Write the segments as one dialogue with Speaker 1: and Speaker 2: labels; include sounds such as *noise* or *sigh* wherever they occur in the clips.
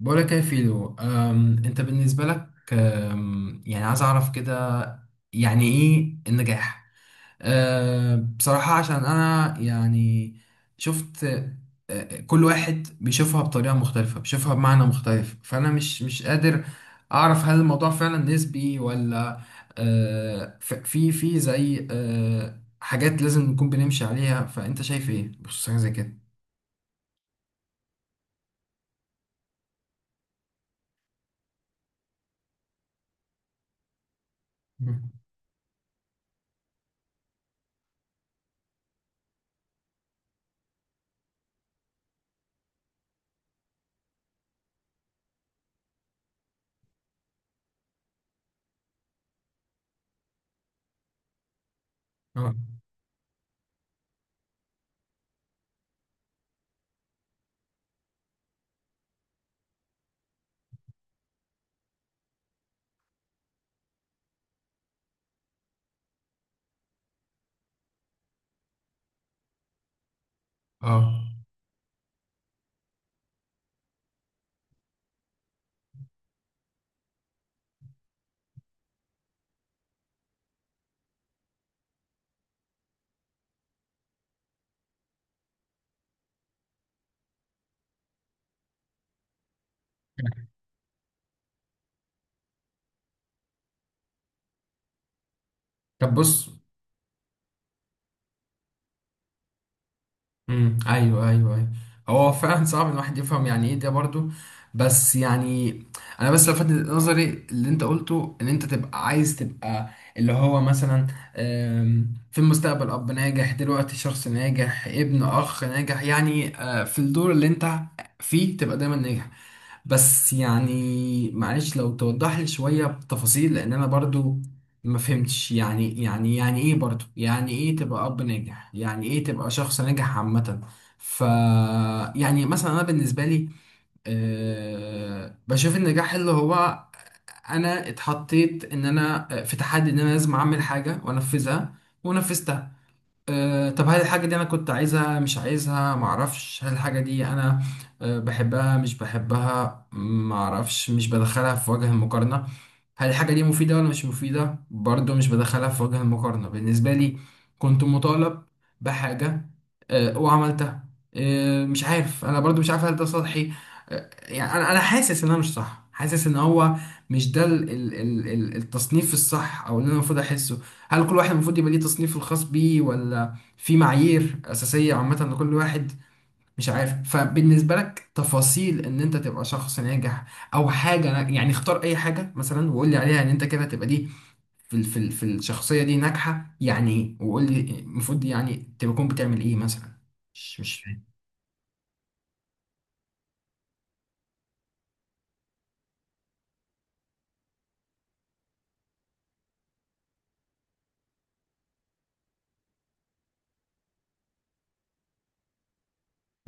Speaker 1: بقولك يا فيلو، انت بالنسبة لك، يعني عايز اعرف كده يعني ايه النجاح؟ بصراحة عشان انا يعني شفت. كل واحد بيشوفها بطريقة مختلفة، بيشوفها بمعنى مختلف، فانا مش قادر اعرف هل الموضوع فعلا نسبي ولا. أه، ف- في في زي حاجات لازم نكون بنمشي عليها، فانت شايف ايه بخصوص حاجة زي كده؟ مم. اه. اه. طب بص. ايوه ايوه ايوه، هو فعلا صعب ان الواحد يفهم يعني ايه ده برضو. بس يعني انا بس لفت نظري اللي انت قلته، ان انت تبقى عايز تبقى اللي هو مثلا في المستقبل اب ناجح، دلوقتي شخص ناجح، ابن، اخ ناجح، يعني في الدور اللي انت فيه تبقى دايما ناجح. بس يعني معلش لو توضح لي شوية بتفاصيل، لان انا برضو ما فهمتش يعني يعني ايه برضو، يعني ايه تبقى اب ناجح، يعني ايه تبقى شخص ناجح عامة. ف يعني مثلا انا بالنسبة لي، بشوف النجاح اللي هو انا اتحطيت ان انا في تحدي ان انا لازم اعمل حاجة وانفذها، ونفذتها. أه طب هل الحاجة دي أنا كنت عايزها مش عايزها؟ معرفش. هل الحاجة دي أنا بحبها مش بحبها؟ معرفش. مش بدخلها في وجه المقارنة. هل الحاجة دي مفيدة ولا مش مفيدة؟ برضو مش بدخلها في وجه المقارنة. بالنسبة لي كنت مطالب بحاجة، وعملتها. مش عارف، أنا برضو مش عارف هل ده سطحي. يعني أنا حاسس إن أنا مش صح، حاسس إن هو مش ده ال التصنيف الصح، أو اللي أنا المفروض أحسه. هل كل واحد المفروض يبقى ليه تصنيفه الخاص بيه، ولا في معايير أساسية عامة لكل واحد؟ مش عارف. فبالنسبة لك تفاصيل إن أنت تبقى شخص ناجح، أو حاجة، يعني اختار أي حاجة مثلا وقول لي عليها إن أنت كده تبقى دي في الشخصية دي ناجحة يعني إيه، وقول لي المفروض يعني تكون بتعمل إيه مثلا. مش فاهم.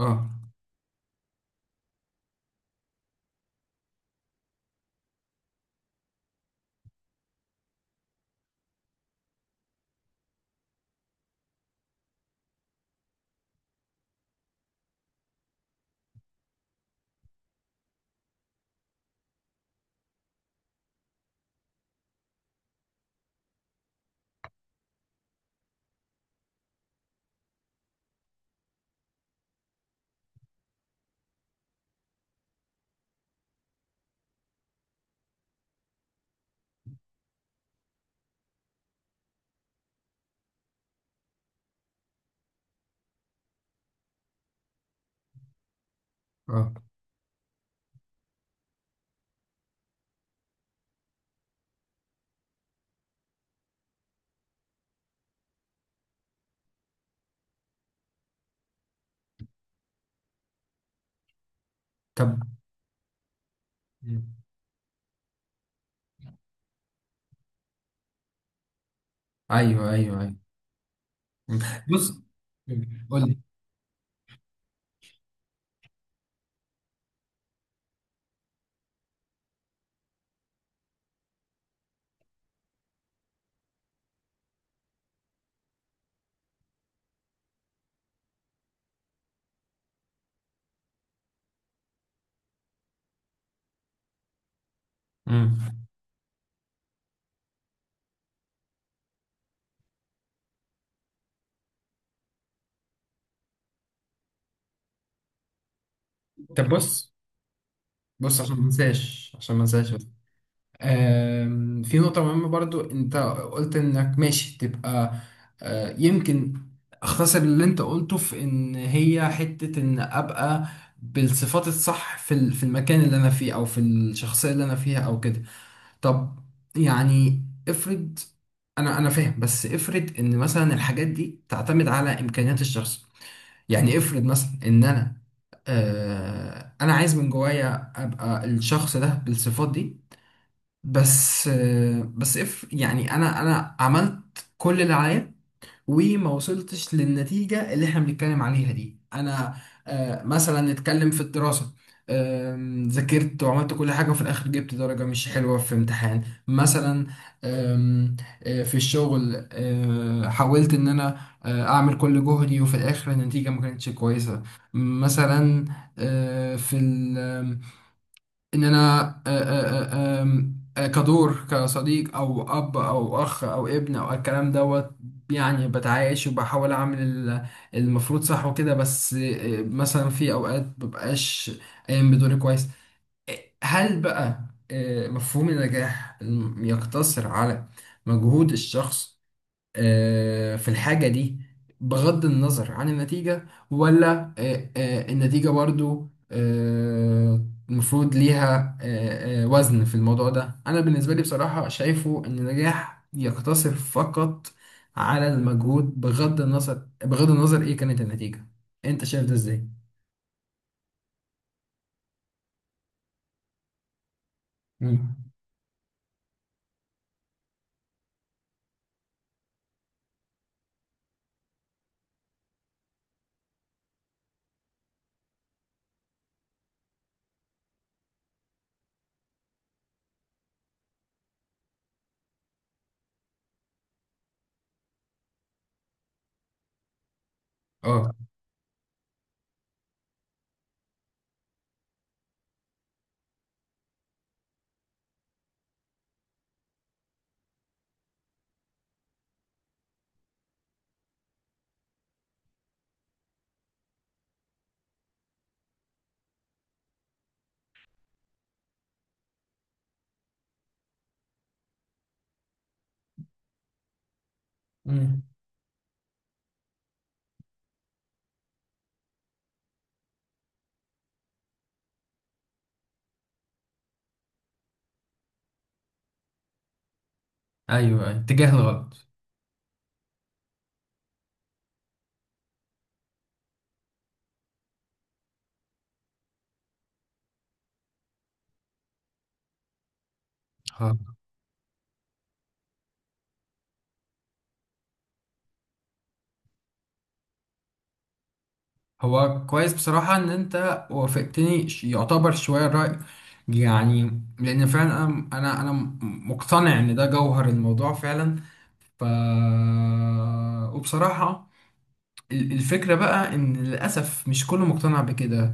Speaker 1: أه. أه. طب. مم. أيوه أيوه أيوه. مم. بص. مم. قول لي. مم. طب بص. بص عشان ما انساش، في نقطة مهمة برضو. انت قلت انك ماشي تبقى يمكن اختصر اللي انت قلته في ان هي حتة ان ابقى بالصفات الصح في في المكان اللي انا فيه، او في الشخصية اللي انا فيها، او كده. طب يعني افرض، انا فاهم، بس افرض ان مثلا الحاجات دي تعتمد على امكانيات الشخص. يعني افرض مثلا ان انا انا عايز من جوايا ابقى الشخص ده بالصفات دي، بس بس يعني انا عملت كل اللي عليا، وما وصلتش للنتيجة اللي احنا بنتكلم عليها دي. انا مثلا نتكلم في الدراسة، ذاكرت وعملت كل حاجة، وفي الآخر جبت درجة مش حلوة في امتحان مثلا. آم، آه، في الشغل حاولت إن أنا أعمل كل جهدي، وفي الآخر النتيجة ما كانتش كويسة مثلا. في ان انا آه، آه، آه، آم، آه، كدور، كصديق او اب او اخ او ابن او الكلام دوت، يعني بتعايش وبحاول اعمل المفروض صح وكده، بس مثلا في اوقات مبقاش قايم بدوري كويس. هل بقى مفهوم النجاح يقتصر على مجهود الشخص في الحاجة دي بغض النظر عن النتيجة، ولا النتيجة برضو المفروض ليها وزن في الموضوع ده؟ أنا بالنسبة لي بصراحة شايفه إن النجاح يقتصر فقط على المجهود، بغض النظر إيه كانت النتيجة. أنت شايف ده إزاي؟ مم. اه. مم. ايوه أيوه، اتجاه الغلط. آه. هو كويس بصراحة إن أنت وافقتني يعتبر شوية الرأي، يعني لأن فعلا أنا مقتنع إن ده جوهر الموضوع فعلا. ف *hesitation* وبصراحة الفكرة بقى إن للأسف مش كله مقتنع بكده.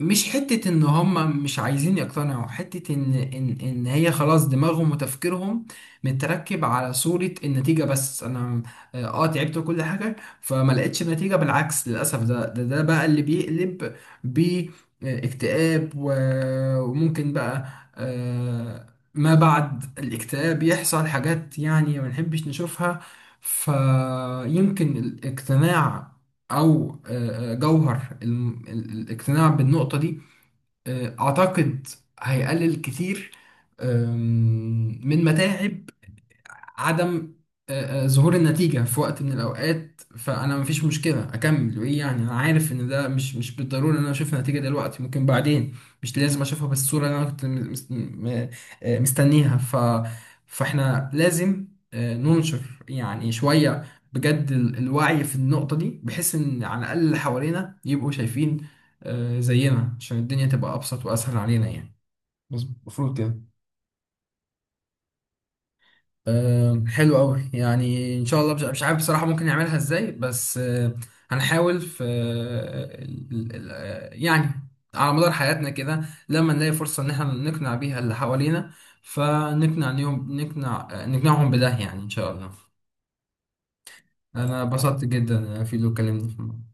Speaker 1: مش حتة ان هم مش عايزين يقتنعوا، حتة ان هي خلاص دماغهم وتفكيرهم متركب على صورة النتيجة، بس انا تعبت وكل حاجة فما لقيتش نتيجة. بالعكس للأسف ده بقى اللي بيقلب باكتئاب، وممكن بقى آه، ما بعد الاكتئاب يحصل حاجات يعني ما نحبش نشوفها. فيمكن الاقتناع او جوهر الاقتناع بالنقطة دي اعتقد هيقلل كتير آم، من متاعب عدم ظهور النتيجة في وقت من الأوقات. فأنا مفيش مشكلة أكمل وإيه يعني. أنا عارف إن ده مش بالضرورة إن أنا أشوف النتيجة دلوقتي، ممكن بعدين، مش لازم أشوفها بالصورة اللي أنا كنت مستنيها. ف فإحنا لازم ننشر يعني شوية بجد الوعي في النقطة دي، بحيث إن على الأقل اللي حوالينا يبقوا شايفين زينا، عشان الدنيا تبقى أبسط وأسهل علينا يعني. مظبوط، المفروض كده. حلو قوي يعني، ان شاء الله. مش عارف بصراحه ممكن نعملها ازاي، بس هنحاول في يعني على مدار حياتنا كده لما نلاقي فرصه ان احنا نقنع بيها اللي حوالينا، فنقنع نيهم، نقنعهم بده يعني ان شاء الله. انا اتبسطت جدا في اللي اتكلمنا.